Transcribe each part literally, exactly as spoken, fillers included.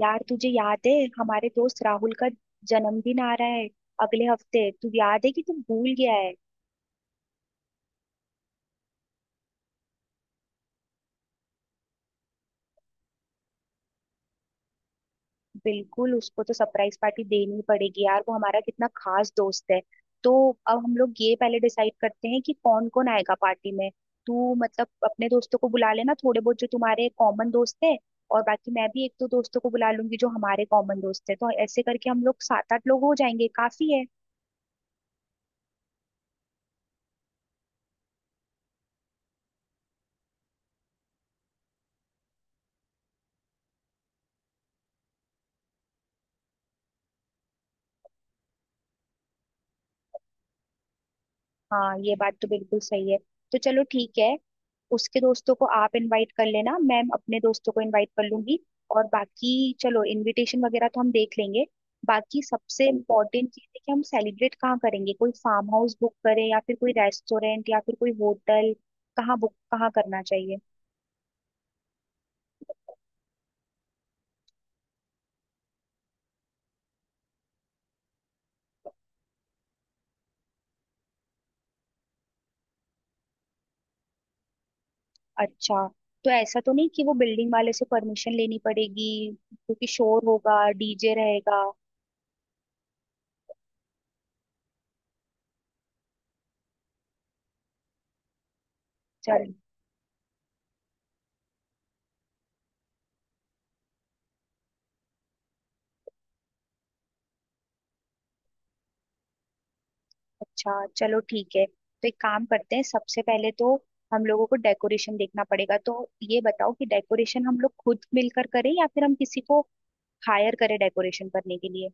यार तुझे याद है हमारे दोस्त राहुल का जन्मदिन आ रहा है अगले हफ्ते। तू याद है कि तू भूल गया है? बिल्कुल, उसको तो सरप्राइज पार्टी देनी ही पड़ेगी यार, वो हमारा कितना खास दोस्त है। तो अब हम लोग ये पहले डिसाइड करते हैं कि कौन कौन आएगा पार्टी में। तू मतलब अपने दोस्तों को बुला लेना, थोड़े बहुत जो तुम्हारे कॉमन दोस्त है। और बाकी मैं भी एक दो दोस्तों को बुला लूंगी जो हमारे कॉमन दोस्त है, तो ऐसे करके हम लोग सात आठ लोग हो जाएंगे, काफी है। हाँ ये बात तो बिल्कुल सही है। तो चलो ठीक है, उसके दोस्तों को आप इनवाइट कर लेना, मैम अपने दोस्तों को इनवाइट कर लूंगी। और बाकी चलो इनविटेशन वगैरह तो हम देख लेंगे। बाकी सबसे इम्पोर्टेंट चीज है कि हम सेलिब्रेट कहाँ करेंगे, कोई फार्म हाउस बुक करें या फिर कोई रेस्टोरेंट या फिर कोई होटल? कहाँ बुक कहाँ करना चाहिए? अच्छा, तो ऐसा तो नहीं कि वो बिल्डिंग वाले से परमिशन लेनी पड़ेगी, क्योंकि शोर होगा, डीजे रहेगा। चल। अच्छा चलो ठीक है, तो एक काम करते हैं, सबसे पहले तो हम लोगों को डेकोरेशन देखना पड़ेगा। तो ये बताओ कि डेकोरेशन हम लोग खुद मिलकर करें या फिर हम किसी को हायर करें डेकोरेशन करने के लिए?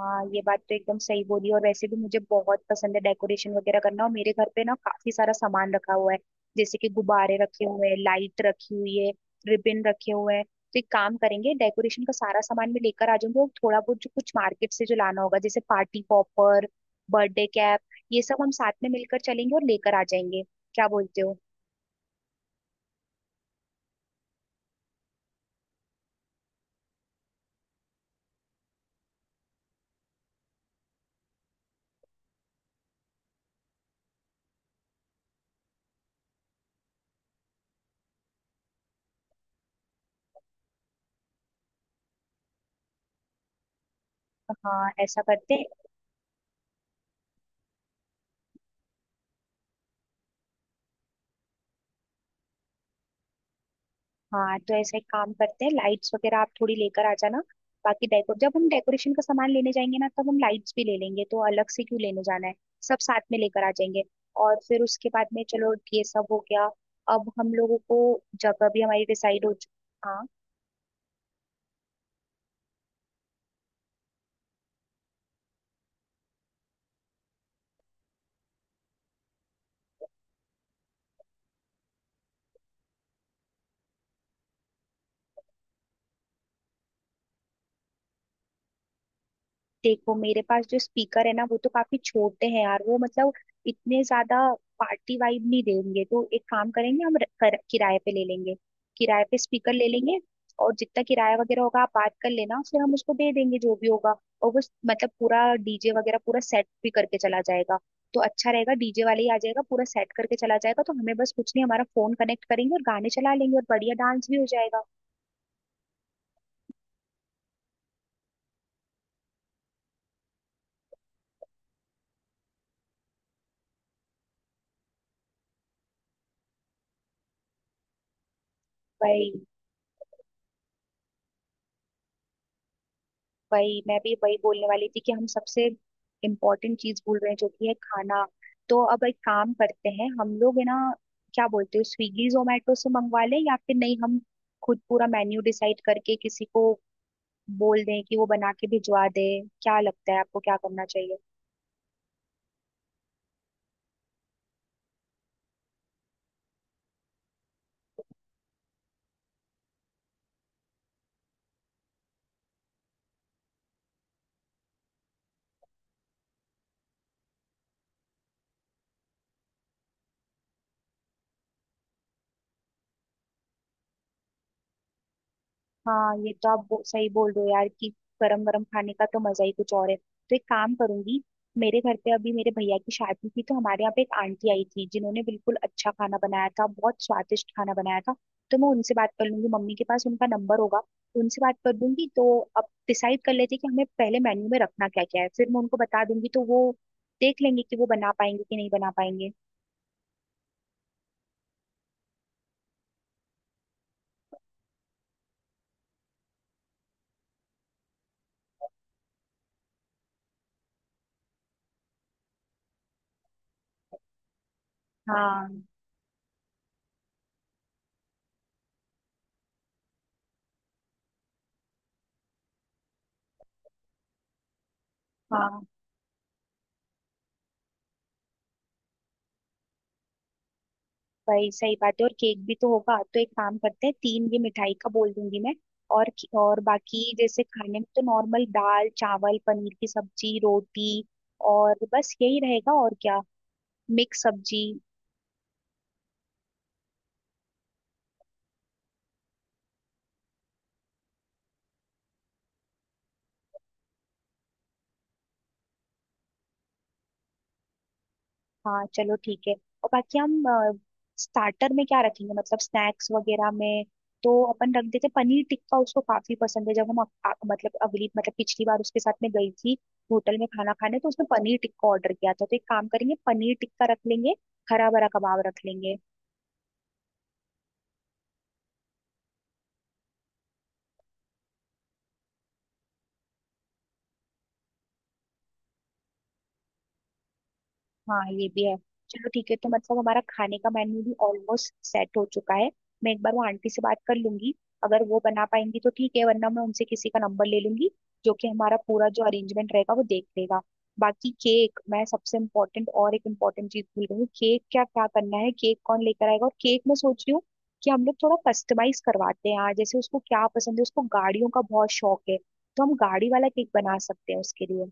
हाँ ये बात तो एकदम सही बोली, और वैसे भी मुझे बहुत पसंद है डेकोरेशन वगैरह करना, और मेरे घर पे ना काफी सारा सामान रखा हुआ है। जैसे कि गुब्बारे रखे हुए हैं, लाइट रखी हुई है, रिबन रखे हुए हैं। तो एक काम करेंगे, डेकोरेशन का सारा सामान मैं लेकर आ जाऊंगी, और थोड़ा बहुत जो कुछ मार्केट से जो लाना होगा जैसे पार्टी पॉपर, बर्थडे कैप, ये सब हम साथ में मिलकर चलेंगे और लेकर आ जाएंगे। क्या बोलते हो? हाँ ऐसा करते हैं। हाँ तो ऐसा एक काम करते हैं, लाइट्स वगैरह आप थोड़ी लेकर आ जाना, बाकी डेकोर जब हम डेकोरेशन का सामान लेने जाएंगे ना तब हम लाइट्स भी ले लेंगे, तो अलग से क्यों लेने जाना है। सब साथ में लेकर आ जाएंगे। और फिर उसके बाद में चलो ये सब हो गया, अब हम लोगों को जगह भी हमारी डिसाइड हो चुकी। देखो मेरे पास जो स्पीकर है ना वो तो काफी छोटे हैं यार, वो मतलब इतने ज्यादा पार्टी वाइब नहीं देंगे, तो एक काम करेंगे, हम र- कर, किराए पे ले लेंगे। किराए पे स्पीकर ले लेंगे। और जितना किराया वगैरह होगा आप बात कर लेना, फिर हम उसको दे देंगे जो भी होगा। और वो स- मतलब पूरा डीजे वगैरह पूरा सेट भी करके चला जाएगा। तो अच्छा रहेगा, डीजे वाले ही आ जाएगा, पूरा सेट करके चला जाएगा, तो हमें बस कुछ नहीं, हमारा फोन कनेक्ट करेंगे और गाने चला लेंगे और बढ़िया डांस भी हो जाएगा। भाई वही मैं भी वही बोलने वाली थी कि हम सबसे इम्पोर्टेंट चीज भूल रहे हैं जो कि है खाना। तो अब एक काम करते हैं हम लोग, है ना, क्या बोलते हो, स्विगी जोमेटो से मंगवा लें या फिर नहीं हम खुद पूरा मेन्यू डिसाइड करके किसी को बोल दें कि वो बना के भिजवा दे? क्या लगता है आपको क्या करना चाहिए? हाँ ये तो आप बो, सही बोल रहे हो यार, कि गरम गरम खाने का तो मजा ही कुछ और है। तो एक काम करूंगी, मेरे घर पे अभी मेरे भैया की शादी थी तो हमारे यहाँ पे एक आंटी आई थी जिन्होंने बिल्कुल अच्छा खाना बनाया था, बहुत स्वादिष्ट खाना बनाया था। तो मैं उनसे बात कर लूंगी, मम्मी के पास उनका नंबर होगा, उनसे बात कर दूंगी। तो अब डिसाइड कर लेते हैं कि हमें पहले मेन्यू में रखना क्या क्या है, फिर मैं उनको बता दूंगी तो वो देख लेंगे कि वो बना पाएंगे कि नहीं बना पाएंगे। हाँ। हाँ वही सही बात है, और केक भी तो होगा। तो एक काम करते हैं, तीन ये मिठाई का बोल दूंगी मैं। और और बाकी जैसे खाने में तो नॉर्मल दाल चावल पनीर की सब्जी रोटी, और बस यही रहेगा, और क्या, मिक्स सब्जी। हाँ चलो ठीक है। और बाकी हम स्टार्टर में क्या रखेंगे, मतलब स्नैक्स वगैरह में? तो अपन रख देते पनीर टिक्का, उसको काफी पसंद है, जब हम अ- अ- मतलब अगली मतलब पिछली बार उसके साथ में गई थी होटल में खाना खाने, तो उसने पनीर टिक्का ऑर्डर किया था, तो एक काम करेंगे पनीर टिक्का रख लेंगे, हरा भरा कबाब रख लेंगे। हाँ ये भी है। चलो ठीक है, तो मतलब हमारा खाने का मेन्यू भी ऑलमोस्ट सेट हो चुका है। मैं एक बार वो आंटी से बात कर लूंगी, अगर वो बना पाएंगी तो ठीक है, वरना मैं उनसे किसी का नंबर ले लूंगी जो कि हमारा पूरा जो अरेंजमेंट रहेगा वो देख लेगा। बाकी केक, मैं सबसे इम्पोर्टेंट और एक इम्पोर्टेंट चीज भूल गई हूँ, केक क्या क्या करना है, केक कौन लेकर आएगा? और केक मैं सोच रही हूँ कि हम लोग थोड़ा कस्टमाइज करवाते हैं, आज जैसे उसको क्या पसंद है, उसको गाड़ियों का बहुत शौक है, तो हम गाड़ी वाला केक बना सकते हैं उसके लिए,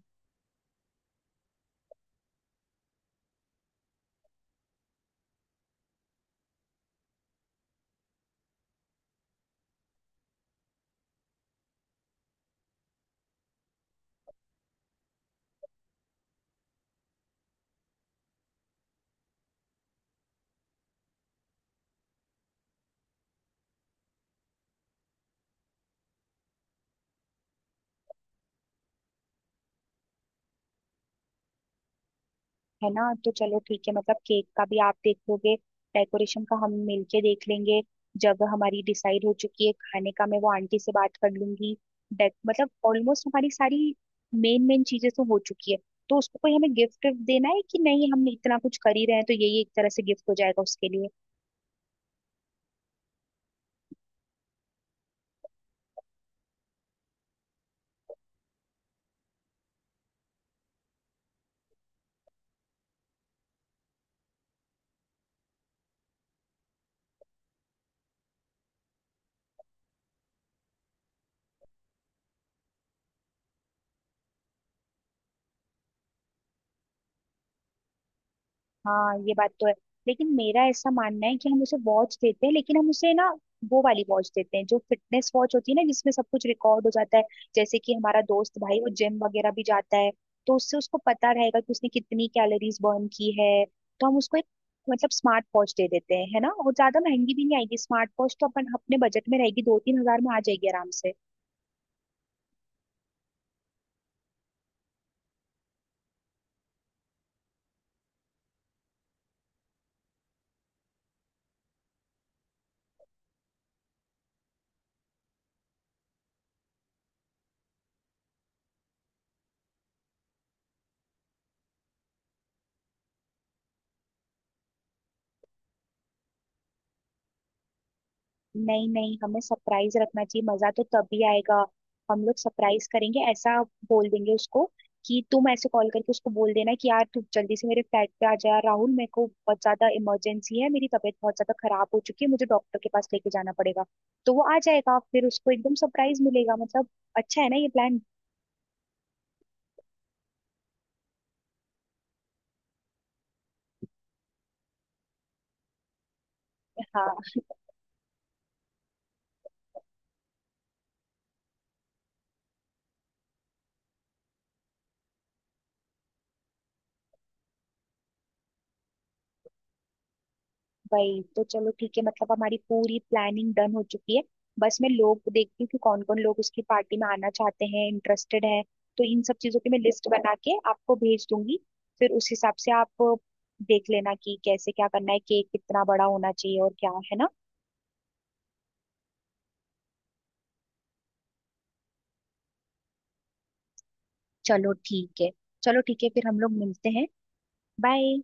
है ना। तो चलो ठीक है, मतलब केक का भी आप देख लोगे, डेकोरेशन का हम मिलके देख लेंगे, जगह हमारी डिसाइड हो चुकी है, खाने का मैं वो आंटी से बात कर लूंगी। डेक मतलब ऑलमोस्ट हमारी सारी मेन मेन चीजें तो हो चुकी है। तो उसको कोई हमें गिफ्ट देना है कि नहीं, हम इतना कुछ कर ही रहे हैं तो यही एक तरह से गिफ्ट हो जाएगा उसके लिए। हाँ ये बात तो है, लेकिन मेरा ऐसा मानना है कि हम उसे वॉच देते हैं, लेकिन हम उसे ना वो वाली वॉच देते हैं जो फिटनेस वॉच होती है ना, जिसमें सब कुछ रिकॉर्ड हो जाता है। जैसे कि हमारा दोस्त भाई वो जिम वगैरह भी जाता है, तो उससे उसको पता रहेगा कि उसने कितनी कैलोरीज बर्न की है। तो हम उसको एक मतलब स्मार्ट वॉच दे देते हैं, है ना, और ज्यादा महंगी भी नहीं आएगी स्मार्ट वॉच, तो अपन अपने बजट में रहेगी, दो तीन हजार में आ जाएगी आराम से। नहीं नहीं, हमें सरप्राइज रखना चाहिए, मजा तो तभी आएगा। हम लोग सरप्राइज करेंगे, ऐसा बोल देंगे उसको कि तुम ऐसे कॉल करके उसको बोल देना कि यार तू जल्दी से मेरे फ्लैट पे आ जा, यार राहुल मेरे को बहुत ज्यादा इमरजेंसी है, मेरी तबीयत बहुत ज्यादा खराब हो चुकी है, मुझे डॉक्टर के पास लेके जाना पड़ेगा। तो वो आ जाएगा, फिर उसको एकदम सरप्राइज मिलेगा मतलब। अच्छा है ना ये प्लान? हाँ वही तो। चलो ठीक है, मतलब हमारी पूरी प्लानिंग डन हो चुकी है। बस मैं लोग देखती हूँ कि कौन कौन लोग उसकी पार्टी में आना चाहते हैं, इंटरेस्टेड है, तो इन सब चीजों की मैं लिस्ट बना के आपको भेज दूंगी। फिर उस हिसाब से आप देख लेना कि कैसे क्या करना है, केक कितना बड़ा होना चाहिए और क्या, है ना। चलो ठीक है। चलो ठीक है, फिर हम लोग मिलते हैं, बाय।